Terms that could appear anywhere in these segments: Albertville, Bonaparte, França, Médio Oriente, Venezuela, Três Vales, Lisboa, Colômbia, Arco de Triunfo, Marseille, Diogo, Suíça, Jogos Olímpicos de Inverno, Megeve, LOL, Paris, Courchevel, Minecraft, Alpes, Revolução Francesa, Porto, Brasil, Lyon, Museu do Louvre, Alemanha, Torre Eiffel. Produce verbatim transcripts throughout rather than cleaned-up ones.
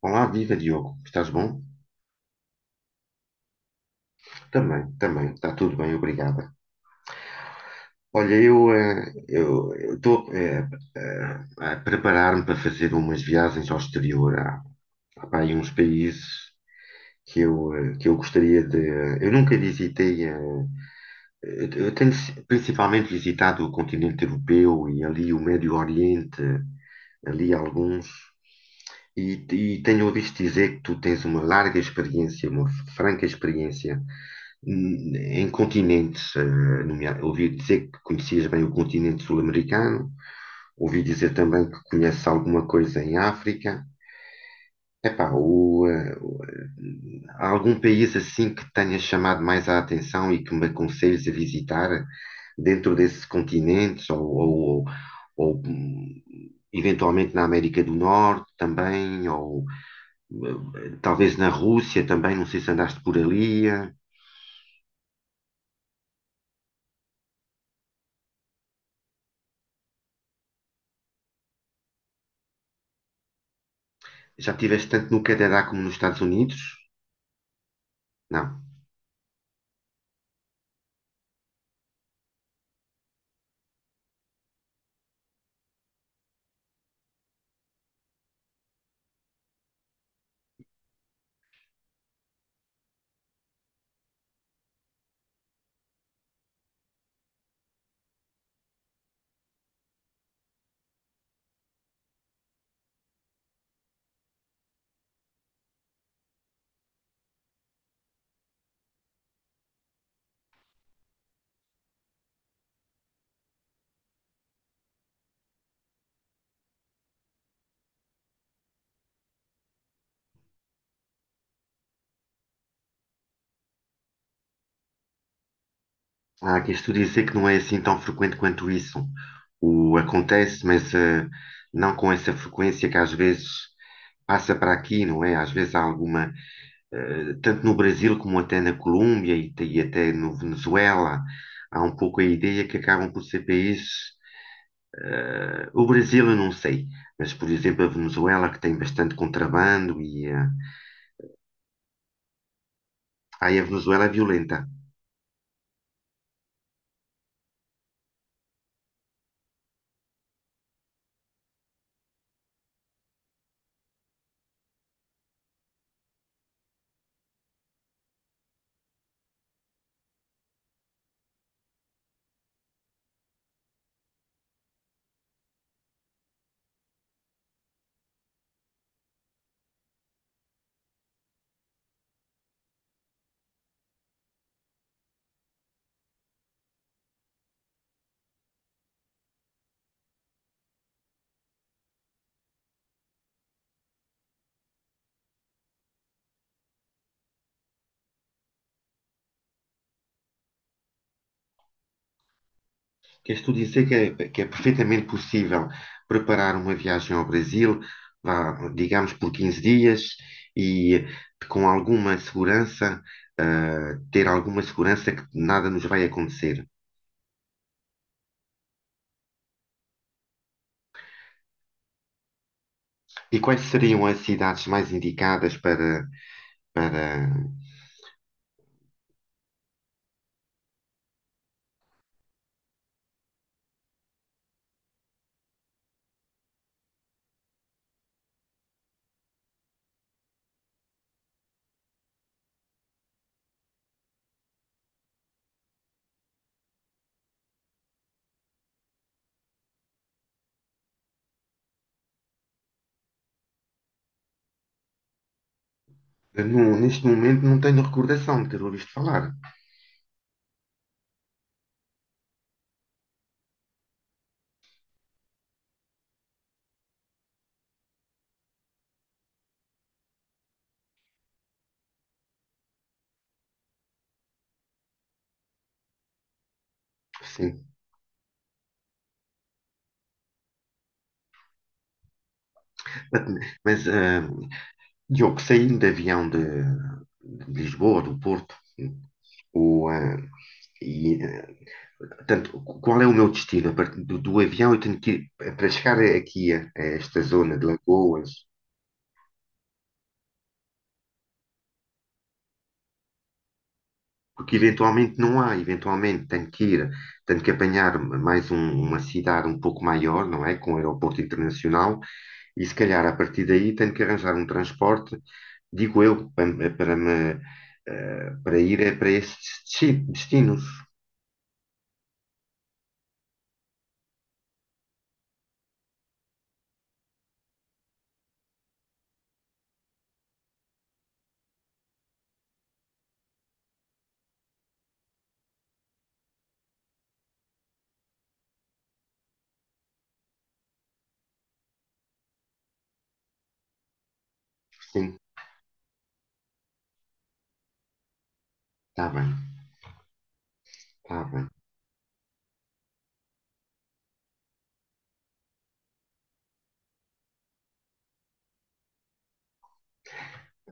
Olá, viva Diogo, estás bom? Também, também, está tudo bem, obrigada. Olha, eu eh, eu eu estou eh, eh, a preparar-me para fazer umas viagens ao exterior, há, há pá, aí uns países que eu, eh, que eu gostaria de. Eu nunca visitei, eh, eu eu tenho si, principalmente visitado o continente europeu e ali o Médio Oriente, ali alguns. E, e tenho ouvido dizer que tu tens uma larga experiência, uma franca experiência hum, em continentes. eh, nomea- ouvi dizer que conhecias bem o continente sul-americano, ouvi dizer também que conheces alguma coisa em África. Epá, o, eh, o, eh, há algum país assim que tenha chamado mais a atenção e que me aconselhes a visitar dentro desses continentes ou, ou- ou, hum, eventualmente na América do Norte também ou eh, talvez na Rússia também, não sei se andaste por ali. eh. Já estiveste tanto no Canadá como nos Estados Unidos? Não. Há quem estude dizer que não é assim tão frequente quanto isso. O acontece, mas eh, não com essa frequência que às vezes passa para aqui, não é? Às vezes há alguma, eh, tanto no Brasil como até na Colômbia e, te- e até no Venezuela, há um pouco a ideia que acabam por ser países. Eh, o Brasil eu não sei, mas por exemplo a Venezuela que tem bastante contrabando e eh, aí a Venezuela é violenta. Queres tu dizer que é, que é perfeitamente possível preparar uma viagem ao Brasil, vá, digamos, por quinze dias e com alguma segurança, ah, ter alguma segurança que nada nos vai acontecer? E quais seriam as cidades mais indicadas para, para... Eu não- Neste momento não tenho recordação de ter ouvido falar. Sim. Mas, ah, Diogo, saindo de avião de, de Lisboa, do Porto, o, ah, e portanto, qual é o meu destino? A partir do, do avião, eu tenho que ir para chegar aqui a, a esta zona de Lagoas, porque eventualmente não há, eventualmente tenho que ir, tenho que apanhar mais um- uma cidade um pouco maior, não é? Com um aeroporto internacional, e se calhar a partir daí tenho que arranjar um transporte, digo eu, pa- para, me, eh, para ir a- para esses desti- destinos. Sim, está bem, está bem.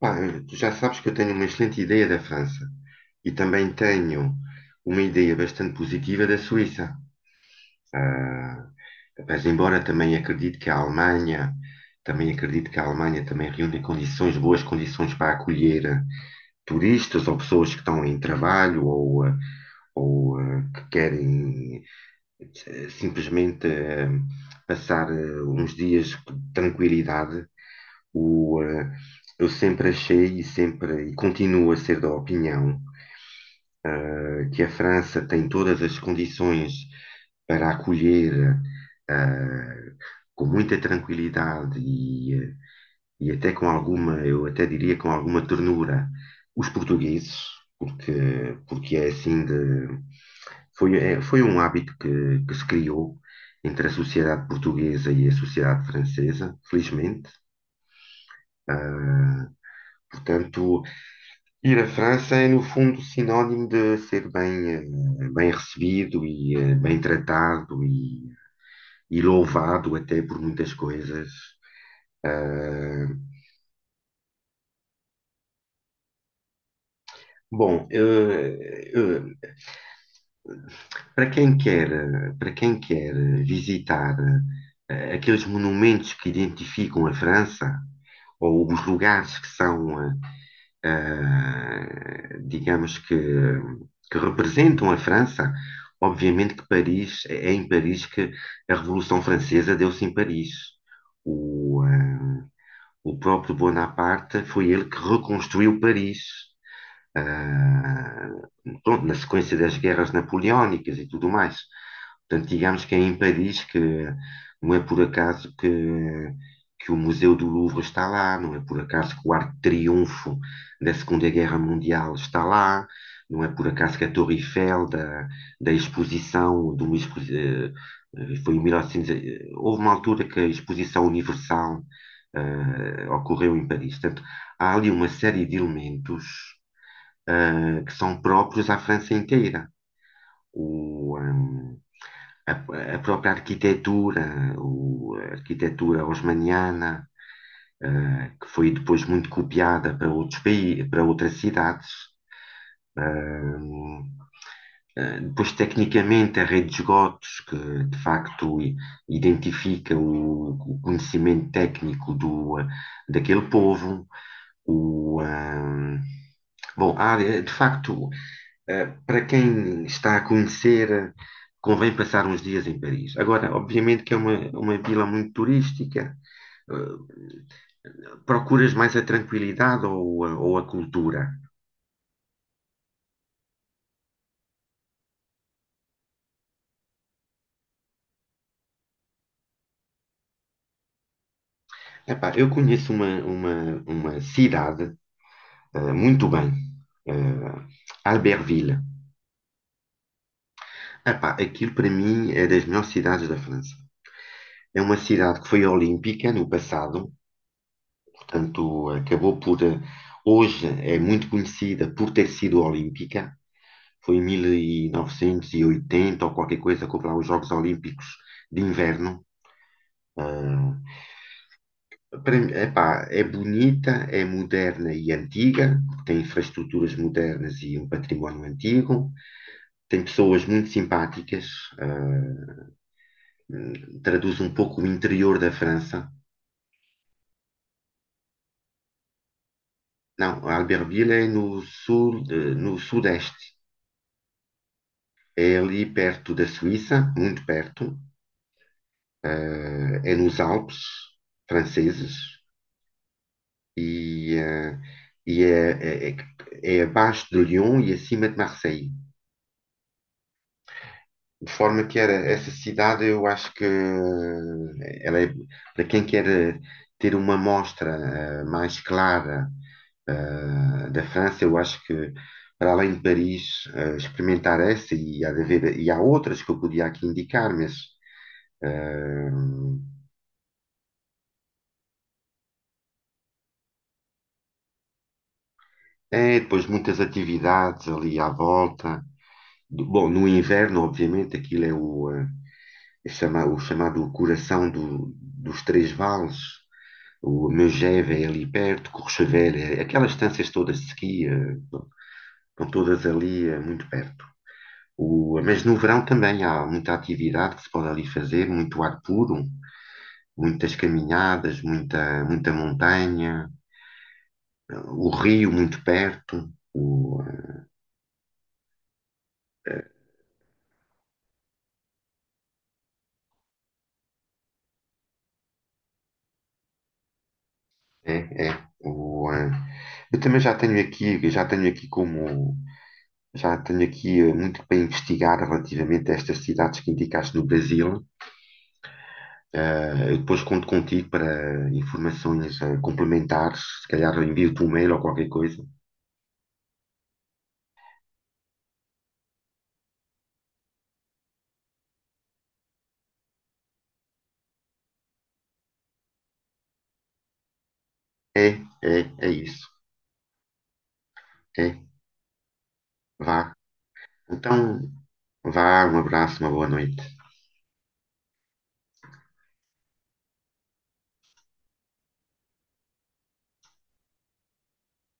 Pá, eu- tu já sabes que eu tenho uma excelente ideia da França e também tenho uma ideia bastante positiva da Suíça. Ah, mas embora também acredite que a Alemanha, também acredito que a Alemanha também reúne condições, boas condições para acolher eh, turistas ou pessoas que estão em trabalho ou, eh, ou eh, que querem eh, simplesmente ah, passar eh, uns dias de tranquilidade. O, eh, eu sempre achei e sempre e continuo a ser da opinião eh, que a França tem todas as condições para acolher eh, com muita tranquilidade e, eh, e até com alguma, eu até diria com alguma ternura, os portugueses, porque, porque é assim de. Foi, é- foi um hábito que, que se criou entre a sociedade portuguesa e a sociedade francesa, felizmente. Ah, portanto, ir à França é, no fundo, sinónimo de ser bem, eh, bem recebido e eh, bem tratado e, e louvado até por muitas coisas. Ah, bom, eh, eh, para quem quer, eh, para quem quer eh, visitar eh, aqueles monumentos que identificam a França, ou os lugares que são eh, ah, digamos que, que representam a França. Obviamente que Paris, é em Paris que a Revolução Francesa deu-se em Paris. O, ah, o próprio Bonaparte foi ele que reconstruiu Paris, ah, pronto, na sequência das guerras napoleónicas e tudo mais. Portanto, digamos que é em Paris que não é por acaso que, que o Museu do Louvre está lá, não é por acaso que o Arco de Triunfo da Segunda Guerra Mundial está lá, não é por acaso que a Torre Eiffel da, da exposição do Luís, eh, foi em mil e novecentos, eh, houve uma altura que a exposição universal eh, ocorreu em Paris. Portanto, há ali uma série de elementos eh, que são próprios à França inteira. O, ehm, a, a própria arquitetura, o, a arquitetura osmaniana, que foi depois muito copiada para outros países, para outras cidades. Hum, Depois, tecnicamente, a rede de esgotos, que de facto identifica o, o conhecimento técnico do, daquele povo. O, hum, Bom, a área, de facto, eh, para quem está a conhecer, eh, convém passar uns dias em Paris. Agora, obviamente que é uma, uma vila muito turística. eh, Procuras mais a tranquilidade ou a, ou a cultura? Epá, eu conheço uma, uma, uma cidade, eh, muito bem, eh, Albertville. Epá, aquilo para mim é das melhores cidades da França. É uma cidade que foi olímpica no passado. Portanto, acabou por. eh, Hoje é muito conhecida por ter sido olímpica. Foi em mil novecentos e oitenta ou qualquer coisa, que houve lá os Jogos Olímpicos de Inverno. Ah, para mim, epá, é bonita, é moderna e antiga, tem infraestruturas modernas e um património antigo, tem pessoas muito simpáticas, ah, traduz um pouco o interior da França. Não, Albertville é no sul, eh, no sudeste. É ali perto da Suíça, muito perto. Eh, é nos Alpes franceses e, eh, e é, é, é é abaixo de Lyon e acima de Marseille. De forma que era essa cidade, eu acho que eh, ela é, para quem quer eh, ter uma mostra eh, mais clara eh, da França, eu acho que para além de Paris, eh, experimentar essa e há de haver, e há outras que eu podia aqui indicar, mas eh, é depois muitas atividades ali à volta. Do- Bom, no inverno, obviamente, aquilo é o, eh, chama- o chamado Coração do- dos Três Vales, o Megeve é ali perto, Courchevel, é- aquelas estâncias todas de esqui, eh, estão todas ali eh, muito perto. O- mas no verão também há muita atividade que se pode ali fazer, muito ar puro, muitas caminhadas, muita, muita montanha, o rio muito perto. O, eh, é, é, o, eh, Eu também já tenho aqui, já tenho aqui como já tenho aqui eh, muito para investigar relativamente a estas cidades que indicaste no Brasil. Eh, eu depois conto contigo para informações eh, complementares. Se calhar eu envio-te um mail ou qualquer coisa. É, é, É isso. É, vá. Então, vá, um abraço, uma boa noite.